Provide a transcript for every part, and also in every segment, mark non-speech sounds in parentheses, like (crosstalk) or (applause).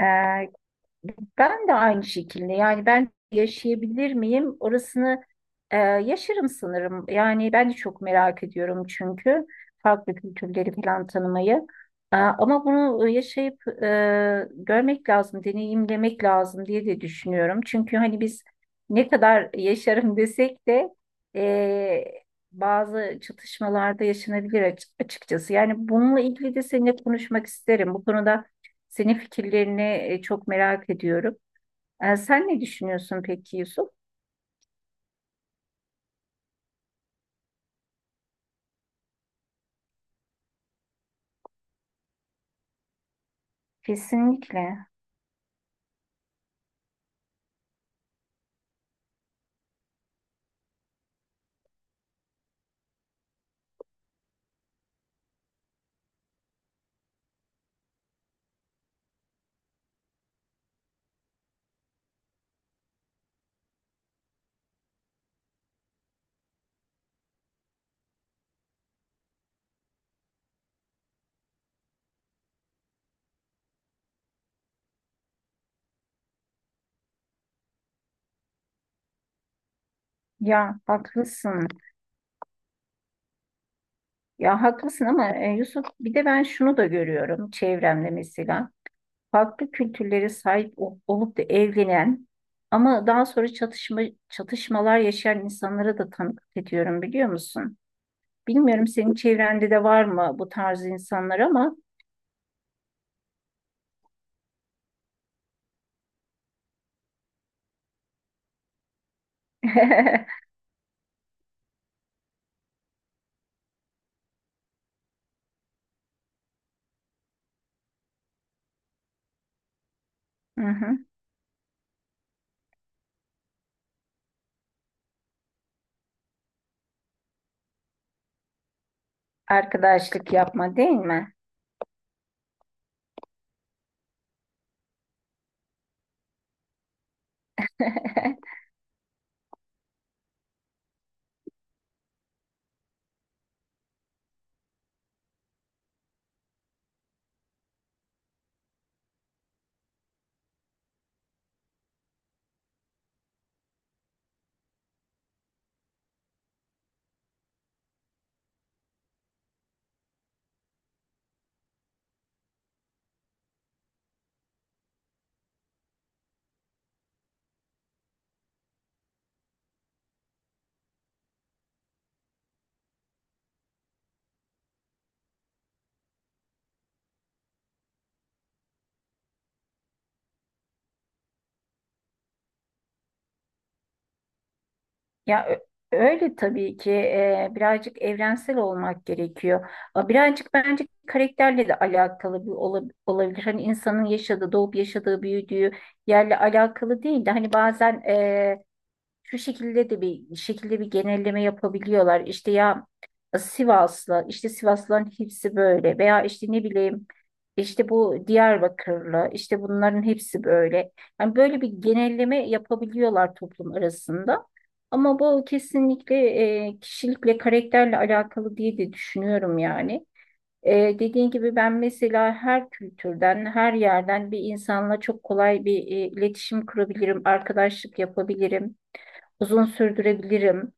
Ee, Ben de aynı şekilde, yani ben yaşayabilir miyim orasını, yaşarım sanırım. Yani ben de çok merak ediyorum, çünkü farklı kültürleri falan tanımayı. Ama bunu yaşayıp görmek lazım, deneyimlemek lazım diye de düşünüyorum. Çünkü hani biz ne kadar yaşarım desek de e, bazı çatışmalarda yaşanabilir açıkçası. Yani bununla ilgili de seninle konuşmak isterim, bu konuda senin fikirlerini çok merak ediyorum. Sen ne düşünüyorsun peki, Yusuf? Kesinlikle. Ya haklısın. Ya haklısın ama Yusuf, bir de ben şunu da görüyorum çevremde mesela. Farklı kültürlere sahip olup da evlenen ama daha sonra çatışmalar yaşayan insanlara da tanıklık ediyorum, biliyor musun? Bilmiyorum, senin çevrende de var mı bu tarz insanlar ama (laughs) Hı hı. Arkadaşlık yapma, değil mi? (laughs) Ya öyle tabii ki, birazcık evrensel olmak gerekiyor. A, birazcık bence karakterle de alakalı bir olabilir. Hani insanın yaşadığı, doğup yaşadığı, büyüdüğü yerle alakalı değil de hani bazen şu şekilde de bir şekilde bir genelleme yapabiliyorlar. İşte ya Sivaslı, işte Sivaslıların hepsi böyle veya işte ne bileyim, işte bu Diyarbakırlı, işte bunların hepsi böyle. Yani böyle bir genelleme yapabiliyorlar toplum arasında. Ama bu kesinlikle kişilikle, karakterle alakalı diye de düşünüyorum yani. Dediğin gibi ben mesela her kültürden, her yerden bir insanla çok kolay bir iletişim kurabilirim, arkadaşlık yapabilirim, uzun sürdürebilirim.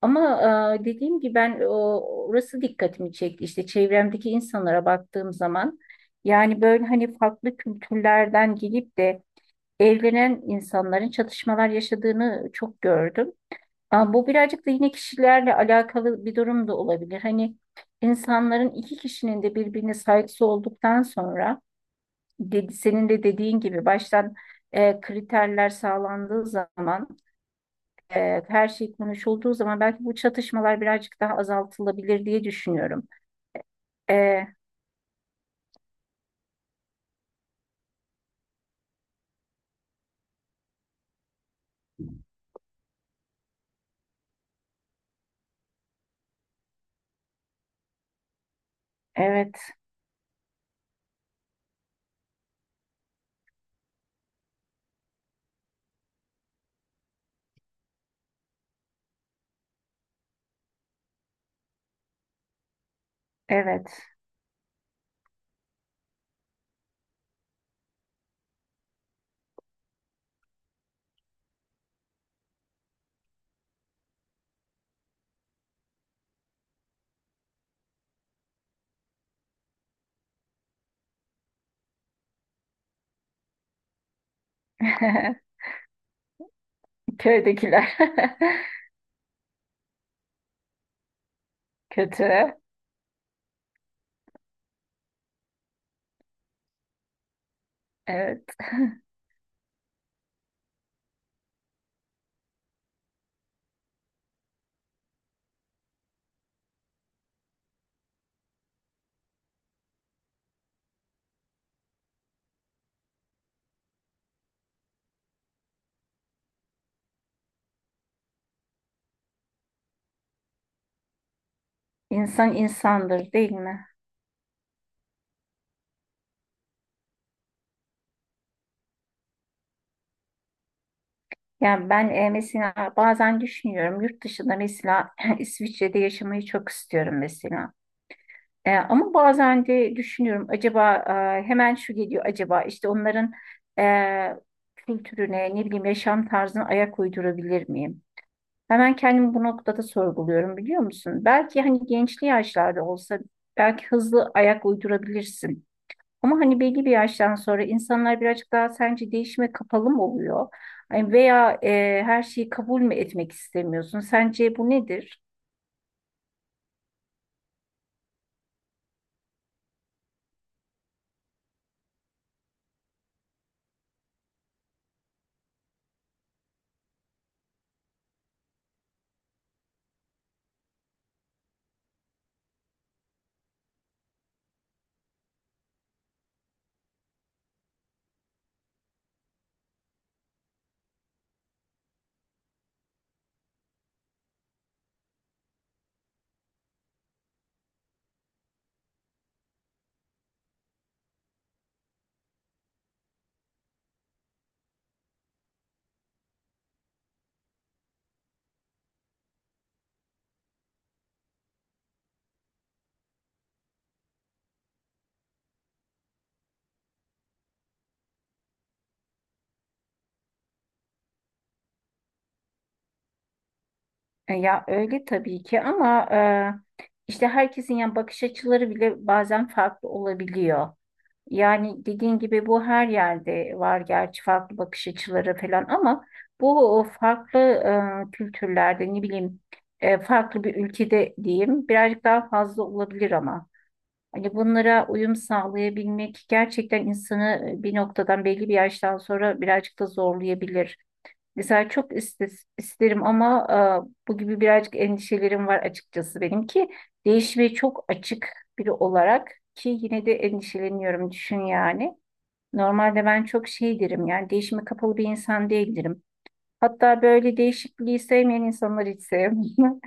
Ama dediğim gibi ben orası dikkatimi çekti. İşte çevremdeki insanlara baktığım zaman yani böyle hani farklı kültürlerden gelip de evlenen insanların çatışmalar yaşadığını çok gördüm. Aa, bu birazcık da yine kişilerle alakalı bir durum da olabilir. Hani insanların, iki kişinin de birbirine saygısı olduktan sonra, dedi, senin de dediğin gibi baştan kriterler sağlandığı zaman, her şey konuşulduğu zaman belki bu çatışmalar birazcık daha azaltılabilir diye düşünüyorum. E, evet, evet. (laughs) Köydekiler (laughs) kötü. Evet. İnsan insandır, değil mi? Yani ben mesela bazen düşünüyorum yurt dışında mesela, (laughs) (clears throat) İsviçre'de yaşamayı çok istiyorum mesela. Ama bazen de düşünüyorum, acaba hemen şu geliyor, acaba işte onların e, kültürüne, ne bileyim, yaşam tarzına ayak uydurabilir miyim? Hemen kendimi bu noktada sorguluyorum, biliyor musun? Belki hani gençli yaşlarda olsa belki hızlı ayak uydurabilirsin. Ama hani belli bir yaştan sonra insanlar birazcık daha, sence, değişime kapalı mı oluyor? Ay, veya her şeyi kabul mü etmek istemiyorsun? Sence bu nedir? Ya öyle tabii ki, ama işte herkesin yani bakış açıları bile bazen farklı olabiliyor. Yani dediğin gibi bu her yerde var gerçi, farklı bakış açıları falan, ama bu o farklı kültürlerde, ne bileyim, farklı bir ülkede diyeyim birazcık daha fazla olabilir ama. Hani bunlara uyum sağlayabilmek gerçekten insanı bir noktadan, belli bir yaştan sonra birazcık da zorlayabilir. Mesela çok isterim ama bu gibi birazcık endişelerim var açıkçası, benim ki değişmeye çok açık biri olarak ki yine de endişeleniyorum, düşün yani. Normalde ben çok şey derim yani, değişime kapalı bir insan değildirim. Hatta böyle değişikliği sevmeyen insanları hiç sevmiyorum.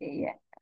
(laughs)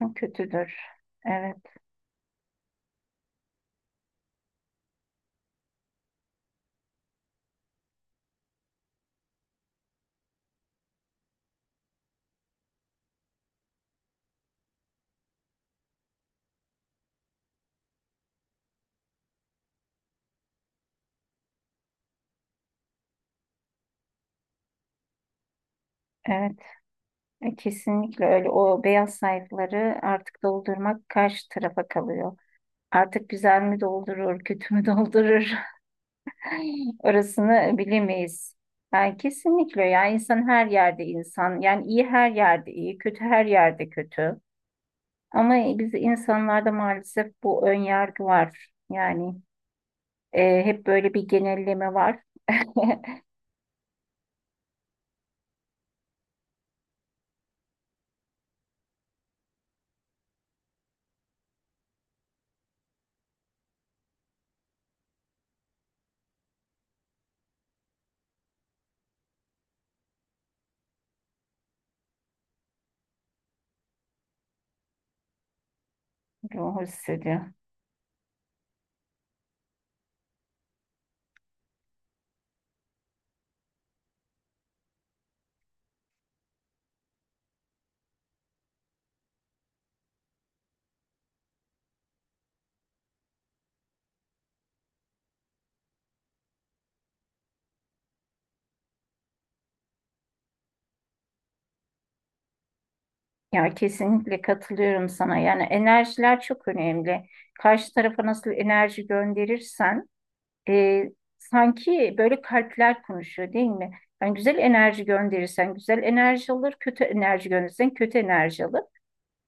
Yani kötüdür. Evet, evet. Kesinlikle öyle. O beyaz sayfaları artık doldurmak karşı tarafa kalıyor. Artık güzel mi doldurur, kötü mü doldurur? (laughs) Orasını bilemeyiz. Yani kesinlikle, yani insan her yerde insan. Yani iyi her yerde iyi, kötü her yerde kötü. Ama biz insanlarda maalesef bu ön yargı var. Yani hep böyle bir genelleme var. (laughs) Ruhu hissediyor. Ya kesinlikle katılıyorum sana. Yani enerjiler çok önemli. Karşı tarafa nasıl enerji gönderirsen e, sanki böyle kalpler konuşuyor, değil mi? Yani güzel enerji gönderirsen güzel enerji alır, kötü enerji gönderirsen kötü enerji alır.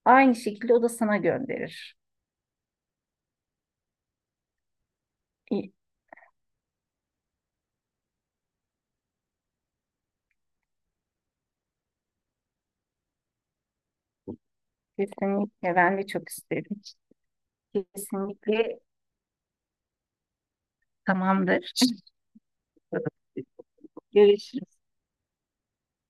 Aynı şekilde o da sana gönderir. E, Kesinlikle ben de çok isterim. Kesinlikle, tamamdır. (laughs) Görüşürüz.